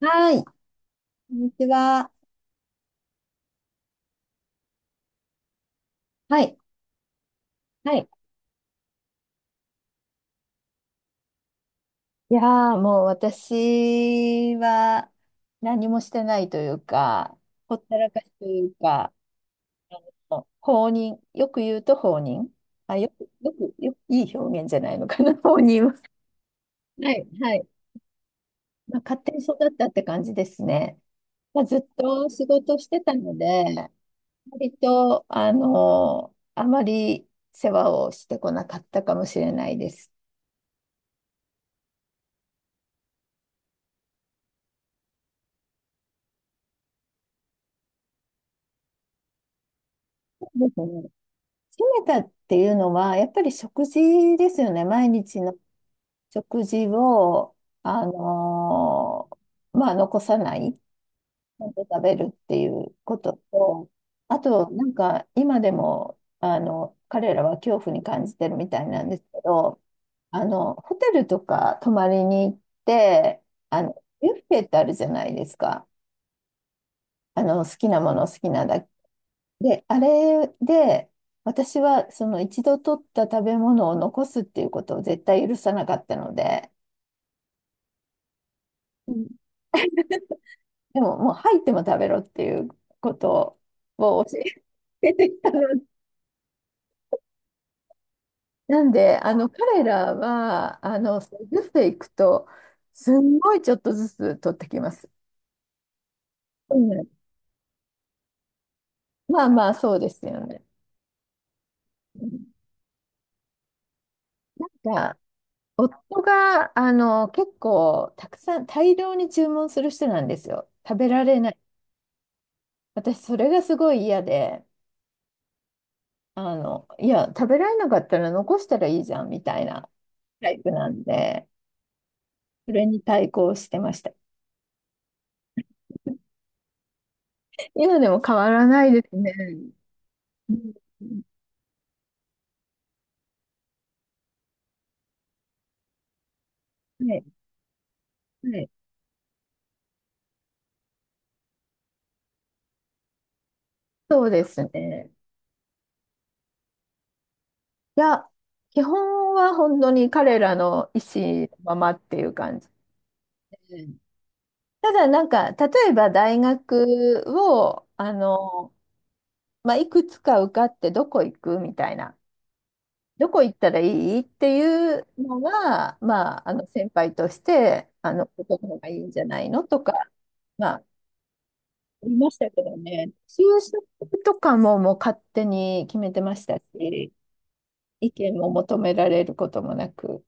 はい。こんにちは。はい。はい。いやー、もう私は何もしてないというか、ほったらかしというか、あ放任、よく言うと放任。あ、よく、よく、よく、いい表現じゃないのかな、放任は。はい、はい。まあ、勝手に育ったって感じですね。まあ、ずっと仕事してたので、割と、あまり世話をしてこなかったかもしれないです。めたっていうのは、やっぱり食事ですよね。毎日の食事を、あのまあ、残さない、ちゃんと食べるっていうことと、あと、今でも、彼らは恐怖に感じてるみたいなんですけど、ホテルとか泊まりに行って、ビュッフェってあるじゃないですか。好きなもの好きなだけ。で、あれで、私はその一度取った食べ物を残すっていうことを絶対許さなかったので、うん。でももう入っても食べろっていうことを教えてきたの。なんで、彼らは、ずつていくと、すんごいちょっとずつ取ってきます。うん、まあまあ、そうですよね。うん、なんか、夫が、結構、たくさん、大量に注文する人なんですよ。食べられない私、それがすごい嫌で、いや、食べられなかったら残したらいいじゃんみたいなタイプなんで、それに対抗してました。今でも変わらないですね。うん、はい、はい、そうですね。いや、基本は本当に彼らの意思のままっていう感じで。ただ、例えば大学を、まあ、いくつか受かってどこ行くみたいな。どこ行ったらいいっていうのは、まあ、先輩として、ここの方がいいんじゃないのとか、まあ、言いましたけどね、就職とかももう勝手に決めてましたし、意見も求められることもなく。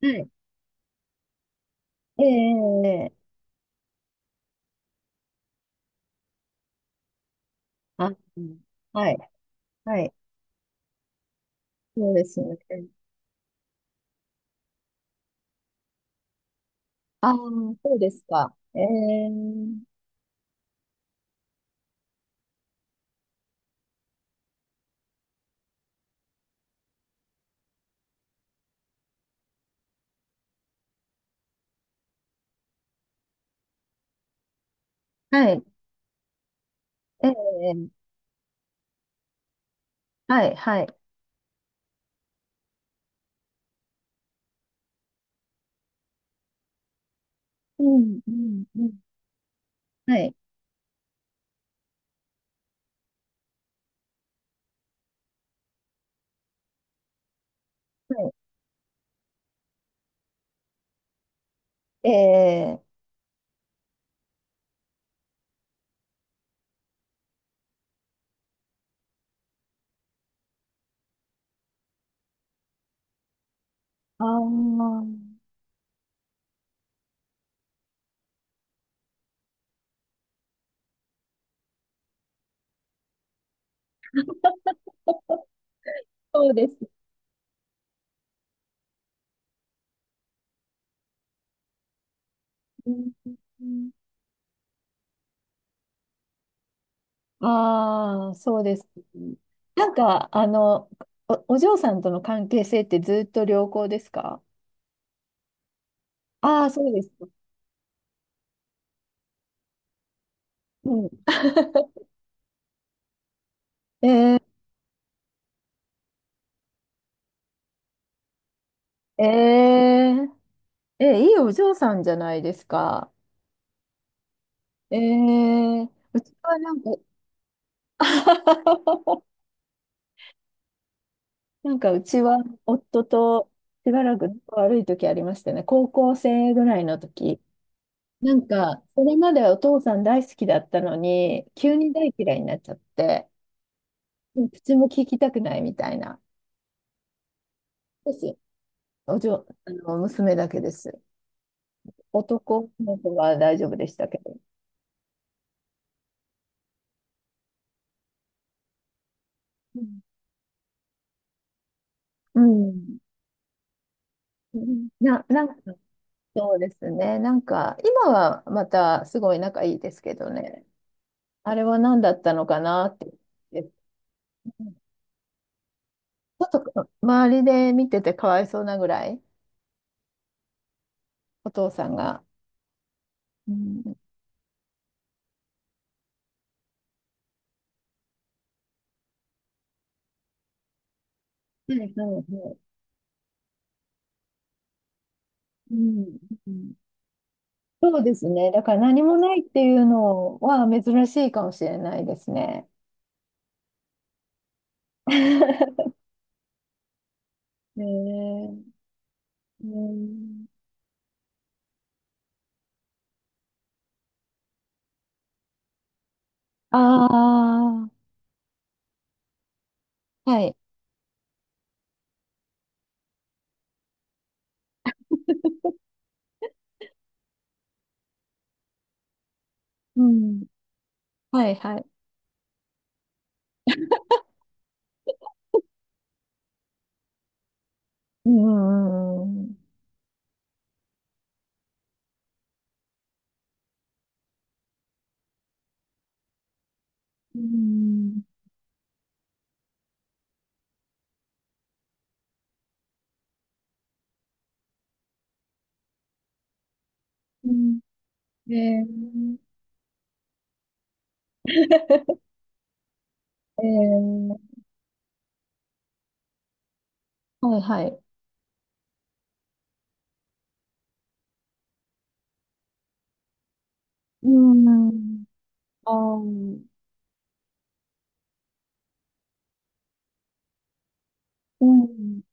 はい。ええ、あ、うん、はい、はい、そうですね。ああ、そうですか。ええ、はい、ええ、はい、はい。うん、うん、うん、はい、はい。ええ、ああ、そうですね。ああ、そうですね。なんか、あの、お嬢さんとの関係性ってずっと良好ですか？ああー、そうですか。うん。えー、えー、え、いいお嬢さんじゃないですか。えー、うちはなんか、なんかうちは夫としばらく仲悪い時ありましたね。高校生ぐらいの時。それまではお父さん大好きだったのに、急に大嫌いになっちゃって、もう口も聞きたくないみたいな。です。おじょ、あの、娘だけです。男の子は大丈夫でしたけど。うん。うん。なんか、そうですね。今はまたすごい仲いいですけどね。あれは何だったのかなって。ちょっと周りで見ててかわいそうなぐらい、お父さんが。うん。はいはいはい、うん、うん、そうですね。だから何もないっていうのは珍しいかもしれないですね。ねえ。うん、ああ、はい。うん。はいはい。うん、うん、うん、うん。うん。うん、えー、えー、はいはい。うん。ああ、うん。う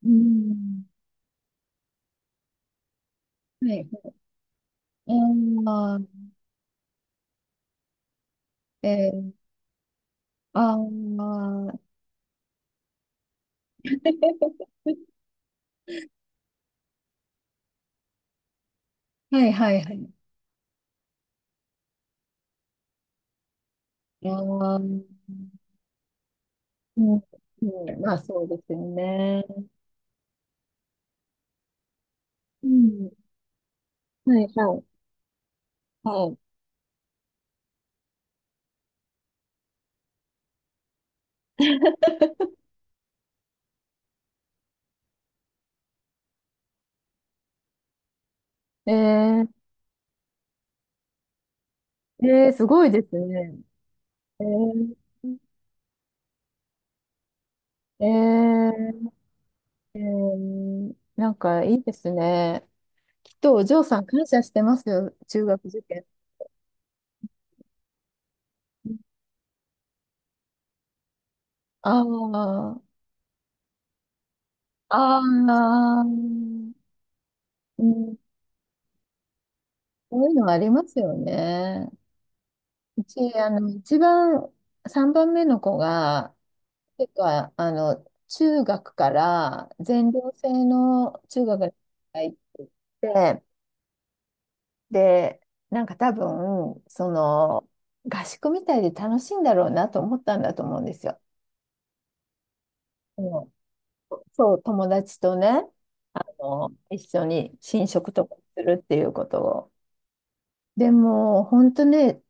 ん。はい。ああ、えー、ああ、はいはいはい。いやー、うん、うん、まあそうですよね。うん、はい、はい、はい。えー、えー、すごいですね。えー、えー、うん、なんかいいですね。きっとお嬢さん感謝してますよ、中学受験。ああ、ああ、うん、そういうのありますよね。うち、一番、3番目の子が、てか、中学から全寮制の中学に入ってて、で、多分、その、合宿みたいで楽しいんだろうなと思ったんだと思うんですよ。うん、そう、友達とね、一緒に寝食とかするっていうことを。でも、本当ね、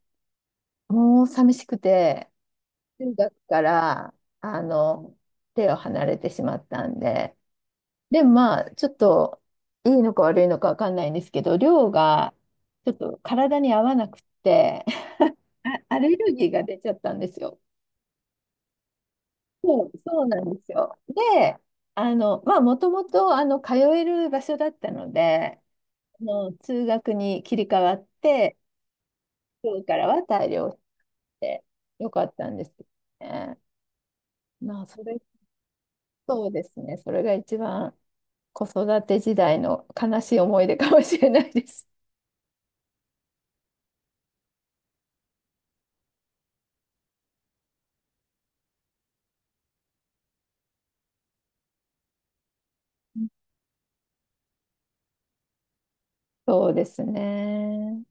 もう寂しくて、中学から、あの、手を離れてしまったんで、でもまあ、ちょっといいのか悪いのかわかんないんですけど、量がちょっと体に合わなくって、あ、アレルギーが出ちゃったんですよ。そう、そうなんですよ。で、まあ、もともと通える場所だったので、通学に切り替わって、今日からは大量してよかったんですけどね。まあ、それ、そうですね。それが一番子育て時代の悲しい思い出かもしれないです。そうですね。